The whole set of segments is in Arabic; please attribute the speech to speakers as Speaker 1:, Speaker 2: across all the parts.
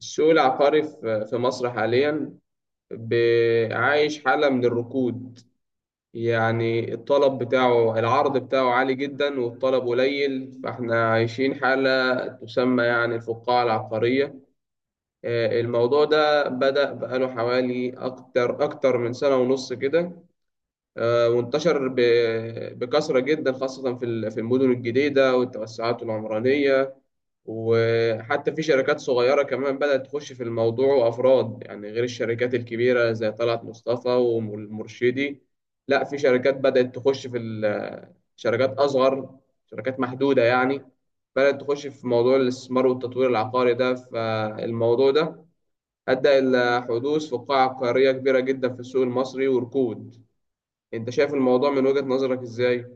Speaker 1: السوق العقاري في مصر حاليا عايش حالة من الركود. يعني الطلب بتاعه، العرض بتاعه عالي جدا والطلب قليل، فاحنا عايشين حالة تسمى يعني الفقاعة العقارية. الموضوع ده بدأ بقاله حوالي أكتر من سنة ونص كده. وانتشر بكثرة جدا، خاصة في في المدن الجديدة والتوسعات العمرانية. وحتى في شركات صغيرة كمان بدأت تخش في الموضوع، وأفراد يعني غير الشركات الكبيرة زي طلعت مصطفى والمرشدي. لا، في شركات بدأت تخش في شركات أصغر، شركات محدودة يعني، بدأت تخش في موضوع الاستثمار والتطوير العقاري ده. فالموضوع ده أدى إلى حدوث فقاعة عقارية كبيرة جدا في السوق المصري وركود. أنت شايف الموضوع من وجهة نظرك إزاي؟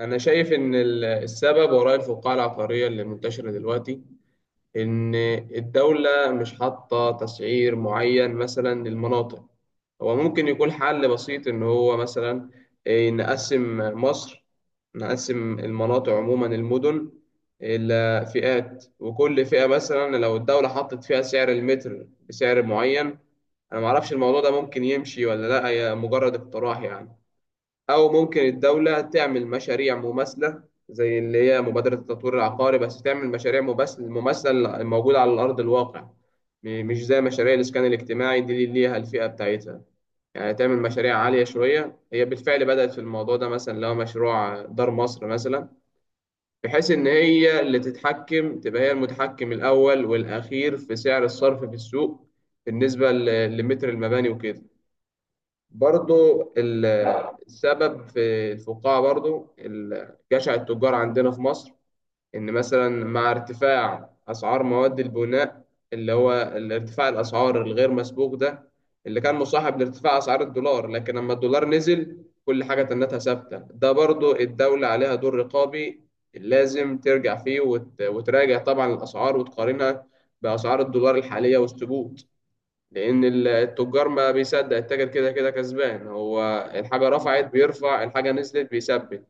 Speaker 1: أنا شايف إن السبب وراء الفقاعة العقارية اللي منتشرة دلوقتي إن الدولة مش حاطة تسعير معين مثلا للمناطق. هو ممكن يكون حل بسيط إن هو مثلا نقسم مصر، نقسم المناطق عموما المدن إلى فئات، وكل فئة مثلا لو الدولة حطت فيها سعر المتر بسعر معين. أنا معرفش الموضوع ده ممكن يمشي ولا لأ، هي مجرد اقتراح يعني. أو ممكن الدولة تعمل مشاريع مماثلة زي اللي هي مبادرة التطوير العقاري، بس تعمل مشاريع مماثلة موجودة على أرض الواقع. مش زي مشاريع الإسكان الاجتماعي دي اللي ليها الفئة بتاعتها، يعني تعمل مشاريع عالية شوية. هي بالفعل بدأت في الموضوع ده، مثلا لو مشروع دار مصر مثلا، بحيث إن هي اللي تتحكم، تبقى هي المتحكم الأول والأخير في سعر الصرف في السوق بالنسبة لمتر المباني وكده. برضو السبب في الفقاعة برضو جشع التجار عندنا في مصر، إن مثلا مع ارتفاع أسعار مواد البناء، اللي هو الارتفاع الأسعار الغير مسبوق ده اللي كان مصاحب لارتفاع أسعار الدولار. لكن لما الدولار نزل، كل حاجة تنتها ثابتة. ده برضو الدولة عليها دور رقابي، لازم ترجع فيه وتراجع طبعا الأسعار وتقارنها بأسعار الدولار الحالية وسط. لأن التجار، ما بيصدق التاجر كده كده كسبان، هو الحاجة رفعت بيرفع، الحاجة نزلت بيثبت.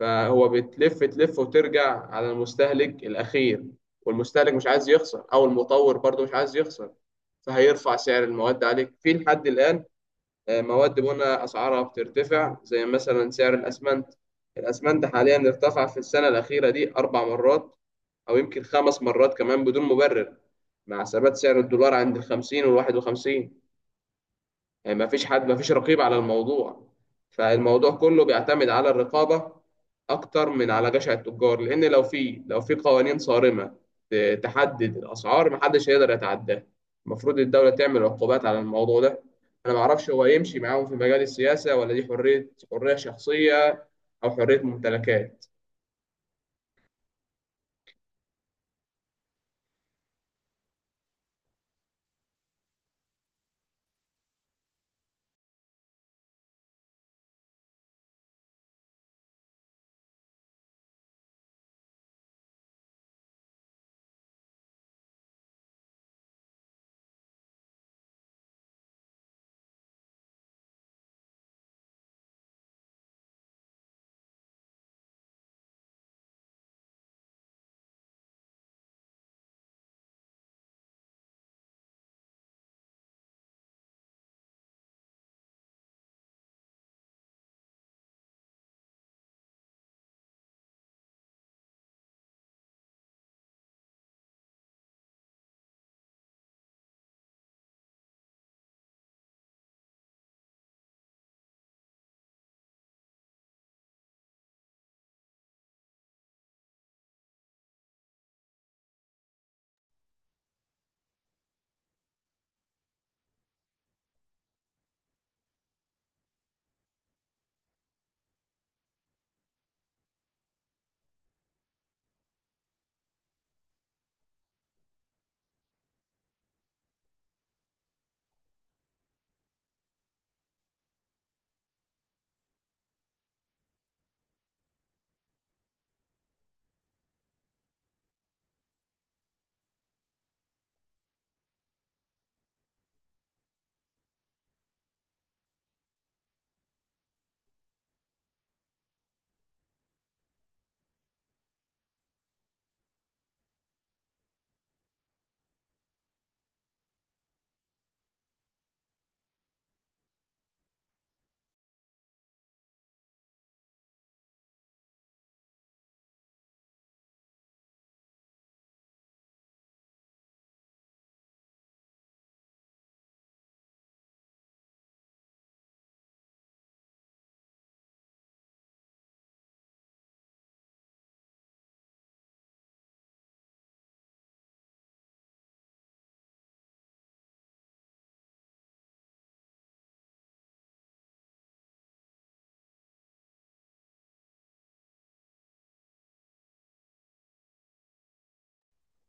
Speaker 1: فهو بتلف تلف وترجع على المستهلك الأخير، والمستهلك مش عايز يخسر أو المطور برضه مش عايز يخسر، فهيرفع سعر المواد عليك في لحد الآن. مواد بنا أسعارها بترتفع، زي مثلا سعر الأسمنت. الأسمنت حاليا ارتفع في السنة الأخيرة دي أربع مرات أو يمكن خمس مرات كمان بدون مبرر، مع ثبات سعر الدولار عند 50 و51. يعني ما فيش حد، ما فيش رقيب على الموضوع، فالموضوع كله بيعتمد على الرقابة أكتر من على جشع التجار. لأن لو في قوانين صارمة تحدد الأسعار، محدش هيقدر يتعداها. المفروض الدولة تعمل عقوبات على الموضوع ده. أنا معرفش هو يمشي معاهم في مجال السياسة، ولا دي حرية، حرية شخصية أو حرية ممتلكات.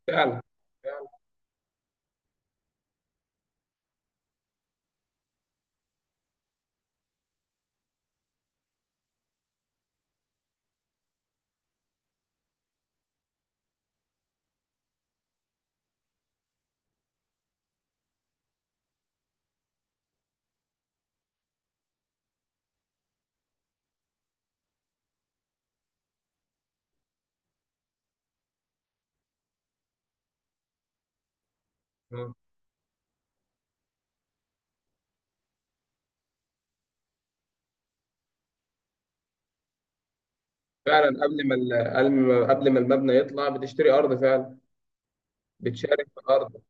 Speaker 1: فعلا، فعلا. آه. فعلا، قبل ما قبل ما المبنى يطلع بتشتري أرض فعلا، بتشارك في الأرض.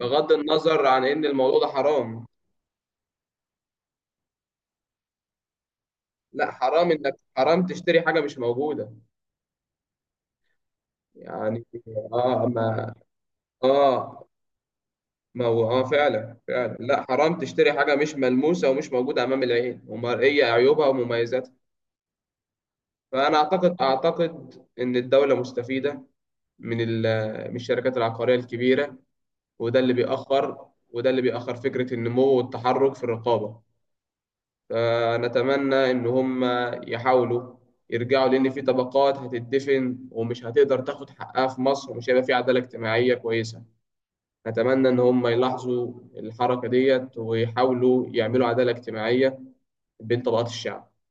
Speaker 1: بغض النظر عن إن الموضوع ده حرام. لا، حرام، انك حرام تشتري حاجه مش موجوده. يعني. اه. ما. اه، ما هو، اه، فعلا، فعلا، لا، حرام تشتري حاجه مش ملموسه ومش موجوده امام العين، ومرئيه عيوبها ومميزاتها. فانا اعتقد ان الدوله مستفيده من من الشركات العقاريه الكبيره. وده اللي بيأخر فكره النمو والتحرك في الرقابه. فنتمنى إن هم يحاولوا يرجعوا، لأن في طبقات هتدفن ومش هتقدر تاخد حقها في مصر، ومش هيبقى في عدالة اجتماعية كويسة. نتمنى إن هم يلاحظوا الحركة ديت ويحاولوا يعملوا عدالة اجتماعية بين طبقات الشعب.